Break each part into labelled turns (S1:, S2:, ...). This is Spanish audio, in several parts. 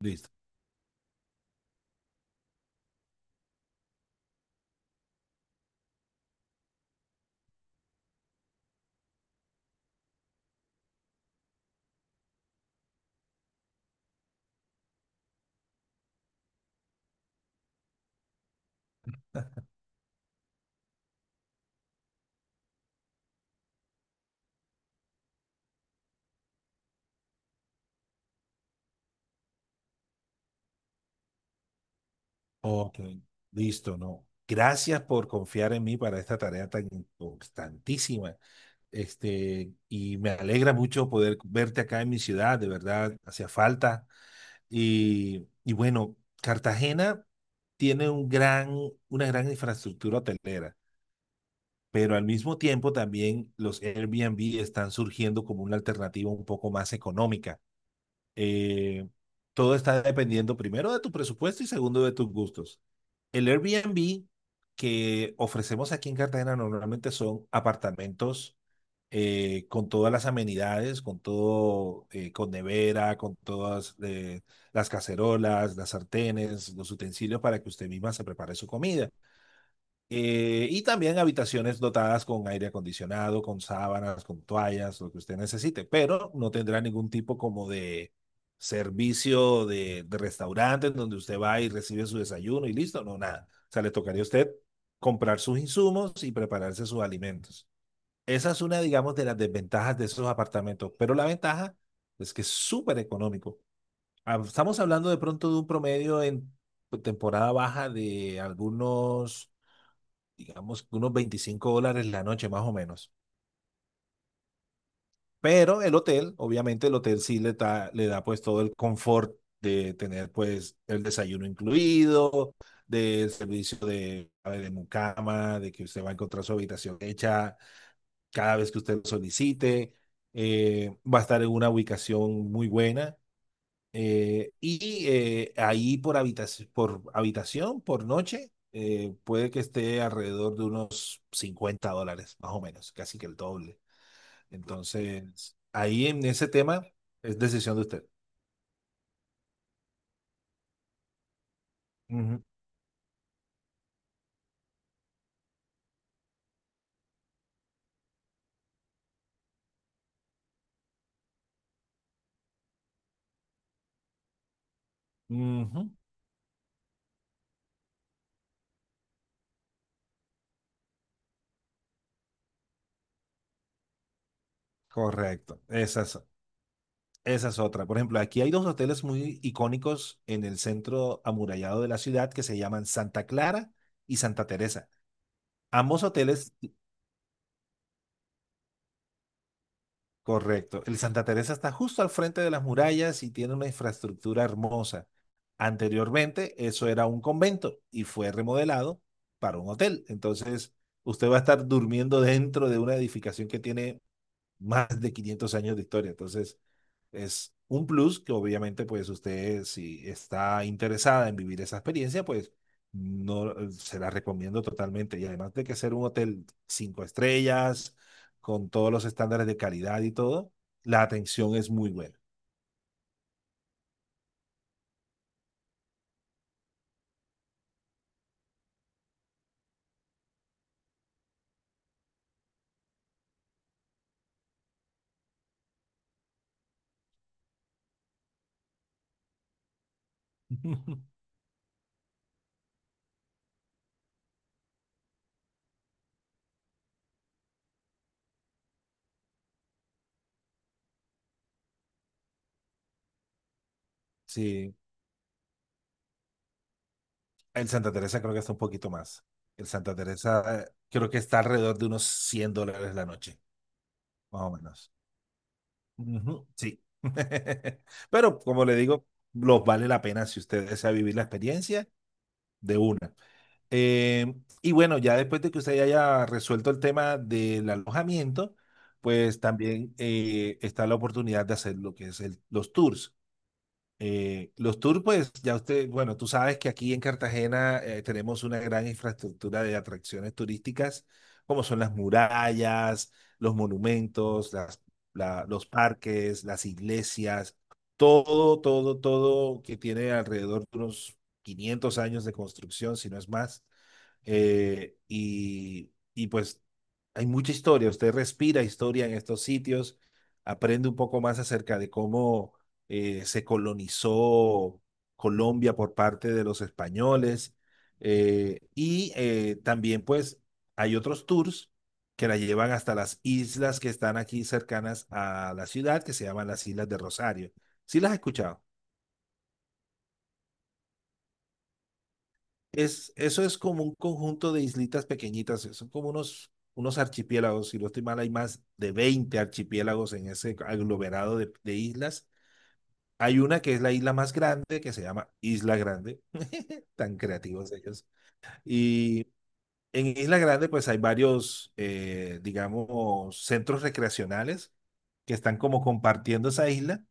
S1: Listo. Ok, listo, no. Gracias por confiar en mí para esta tarea tan importantísima. Y me alegra mucho poder verte acá en mi ciudad, de verdad, hacía falta. Y bueno, Cartagena tiene una gran infraestructura hotelera, pero al mismo tiempo también los Airbnb están surgiendo como una alternativa un poco más económica. Eh, Todo está dependiendo primero de tu presupuesto y segundo de tus gustos. El Airbnb que ofrecemos aquí en Cartagena normalmente son apartamentos con todas las amenidades, con todo, con nevera, con todas las cacerolas, las sartenes, los utensilios para que usted misma se prepare su comida. Y también habitaciones dotadas con aire acondicionado, con sábanas, con toallas, lo que usted necesite, pero no tendrá ningún tipo como de servicio de restaurante en donde usted va y recibe su desayuno y listo, no, nada. O sea, le tocaría a usted comprar sus insumos y prepararse sus alimentos. Esa es una, digamos, de las desventajas de esos apartamentos, pero la ventaja es que es súper económico. Ah, estamos hablando de pronto de un promedio en temporada baja de algunos, digamos, unos $25 la noche, más o menos. Pero el hotel, obviamente el hotel sí le da pues todo el confort de tener pues el desayuno incluido, del servicio de mucama, de que usted va a encontrar su habitación hecha cada vez que usted lo solicite. Va a estar en una ubicación muy buena. Ahí por habitación, por habitación, por noche, puede que esté alrededor de unos $50, más o menos, casi que el doble. Entonces, ahí en ese tema es decisión de usted. Ujú, ujú. Correcto, esa es otra. Por ejemplo, aquí hay dos hoteles muy icónicos en el centro amurallado de la ciudad que se llaman Santa Clara y Santa Teresa. Ambos hoteles. Correcto. El Santa Teresa está justo al frente de las murallas y tiene una infraestructura hermosa. Anteriormente, eso era un convento y fue remodelado para un hotel. Entonces, usted va a estar durmiendo dentro de una edificación que tiene más de 500 años de historia. Entonces, es un plus que obviamente, pues usted, si está interesada en vivir esa experiencia, pues no, se la recomiendo totalmente. Y además de que ser un hotel cinco estrellas, con todos los estándares de calidad y todo, la atención es muy buena. Sí, el Santa Teresa creo que está un poquito más. El Santa Teresa, creo que está alrededor de unos $100 la noche, más o menos. Ujú, sí. Pero como le digo, los vale la pena si usted desea vivir la experiencia de una. Eh, y bueno, ya después de que usted haya resuelto el tema del alojamiento, pues también, está la oportunidad de hacer lo que es los tours. Los tours, pues ya usted, bueno, tú sabes que aquí en Cartagena tenemos una gran infraestructura de atracciones turísticas, como son las murallas, los monumentos, los parques, las iglesias, todo, todo, todo que tiene alrededor de unos 500 años de construcción, si no es más. Y pues hay mucha historia, usted respira historia en estos sitios, aprende un poco más acerca de cómo se colonizó Colombia por parte de los españoles. También pues hay otros tours que la llevan hasta las islas que están aquí cercanas a la ciudad, que se llaman las Islas de Rosario. ¿Sí las has escuchado? Eso es como un conjunto de islitas pequeñitas, son como unos, unos archipiélagos, si no estoy mal, hay más de 20 archipiélagos en ese aglomerado de islas. Hay una que es la isla más grande, que se llama Isla Grande, tan creativos ellos. Y en Isla Grande pues hay varios, digamos, centros recreacionales que están como compartiendo esa isla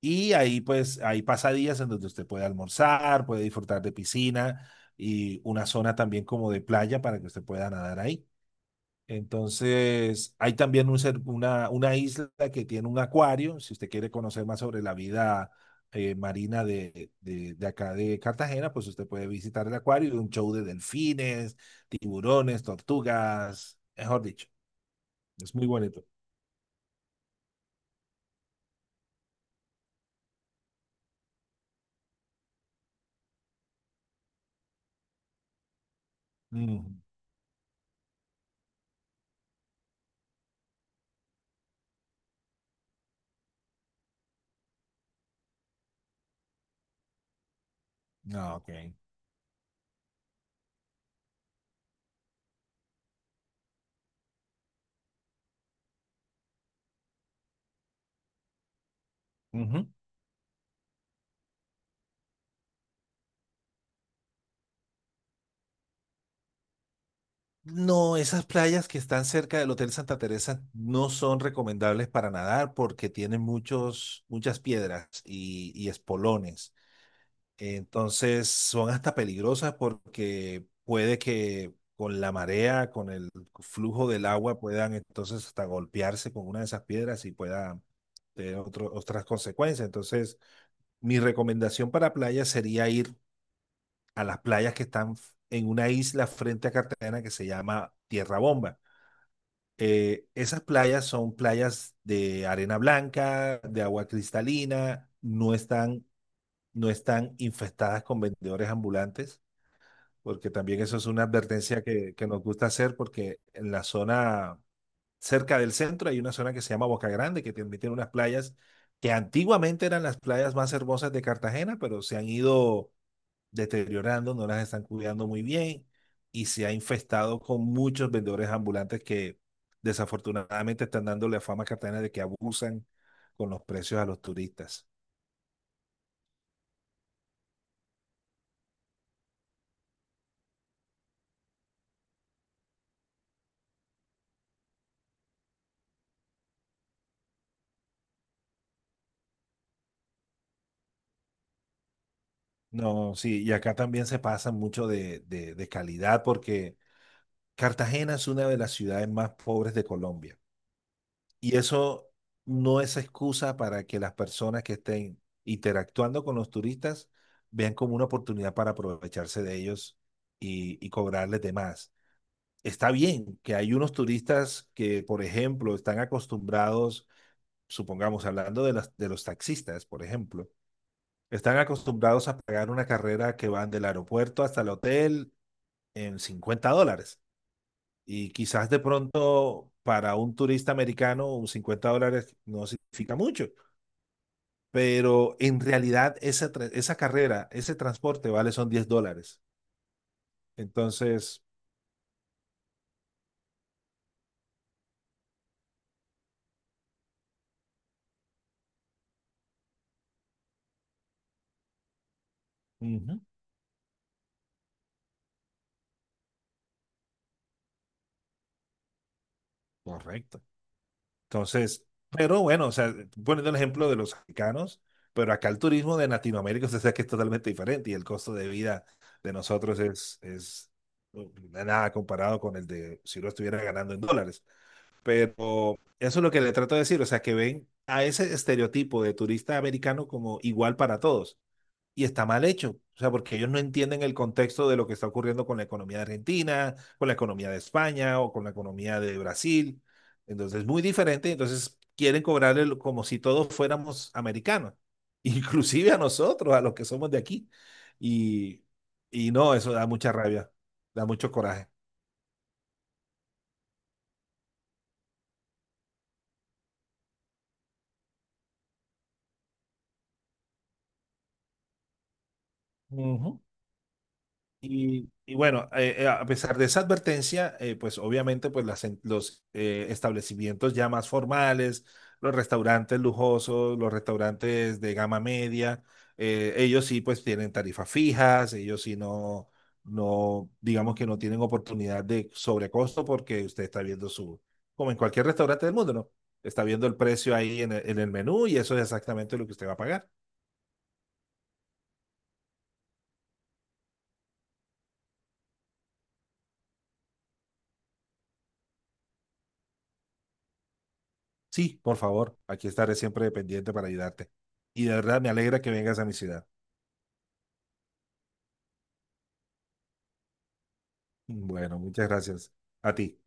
S1: y ahí pues hay pasadías en donde usted puede almorzar, puede disfrutar de piscina y una zona también como de playa para que usted pueda nadar ahí. Entonces, hay también una isla que tiene un acuario. Si usted quiere conocer más sobre la vida marina de acá de Cartagena, pues usted puede visitar el acuario y un show de delfines, tiburones, tortugas, mejor dicho, es muy bonito. Ujú. Ah, ok. Ujú. No, esas playas que están cerca del Hotel Santa Teresa no son recomendables para nadar porque tienen muchas piedras y espolones. Entonces son hasta peligrosas porque puede que con la marea, con el flujo del agua, puedan entonces hasta golpearse con una de esas piedras y pueda tener otras consecuencias. Entonces, mi recomendación para playas sería ir a las playas que están en una isla frente a Cartagena que se llama Tierra Bomba. Esas playas son playas de arena blanca, de agua cristalina, no están, no están infestadas con vendedores ambulantes, porque también eso es una advertencia que nos gusta hacer, porque en la zona cerca del centro hay una zona que se llama Boca Grande, que también tiene unas playas que antiguamente eran las playas más hermosas de Cartagena, pero se han ido deteriorando, no las están cuidando muy bien y se ha infestado con muchos vendedores ambulantes que desafortunadamente están dándole a fama a Cartagena de que abusan con los precios a los turistas. No, sí, y acá también se pasa mucho de calidad porque Cartagena es una de las ciudades más pobres de Colombia y eso no es excusa para que las personas que estén interactuando con los turistas vean como una oportunidad para aprovecharse de ellos y cobrarles de más. Está bien que hay unos turistas que, por ejemplo, están acostumbrados, supongamos, hablando de los taxistas, por ejemplo, están acostumbrados a pagar una carrera que van del aeropuerto hasta el hotel en $50. Y quizás de pronto para un turista americano un $50 no significa mucho, pero en realidad esa carrera, ese transporte vale son $10. Entonces, uh -huh, correcto. Entonces, pero bueno, o sea, poniendo el ejemplo de los americanos, pero acá el turismo de Latinoamérica, usted sabe que es totalmente diferente y el costo de vida de nosotros es no, nada comparado con el de si lo estuviera ganando en dólares. Pero eso es lo que le trato de decir, o sea, que ven a ese estereotipo de turista americano como igual para todos y está mal hecho. O sea, porque ellos no entienden el contexto de lo que está ocurriendo con la economía de Argentina, con la economía de España o con la economía de Brasil. Entonces, muy diferente. Entonces, quieren cobrarle como si todos fuéramos americanos, inclusive a nosotros, a los que somos de aquí. Y, y no, eso da mucha rabia, da mucho coraje. Ujú. Y bueno, a pesar de esa advertencia, pues obviamente pues los establecimientos ya más formales, los restaurantes lujosos, los restaurantes de gama media, ellos sí pues tienen tarifas fijas, ellos sí no, no, digamos que no tienen oportunidad de sobrecosto porque usted está viendo su, como en cualquier restaurante del mundo, ¿no? Está viendo el precio ahí en el menú y eso es exactamente lo que usted va a pagar. Sí, por favor, aquí estaré siempre pendiente para ayudarte. Y de verdad me alegra que vengas a mi ciudad. Bueno, muchas gracias. A ti.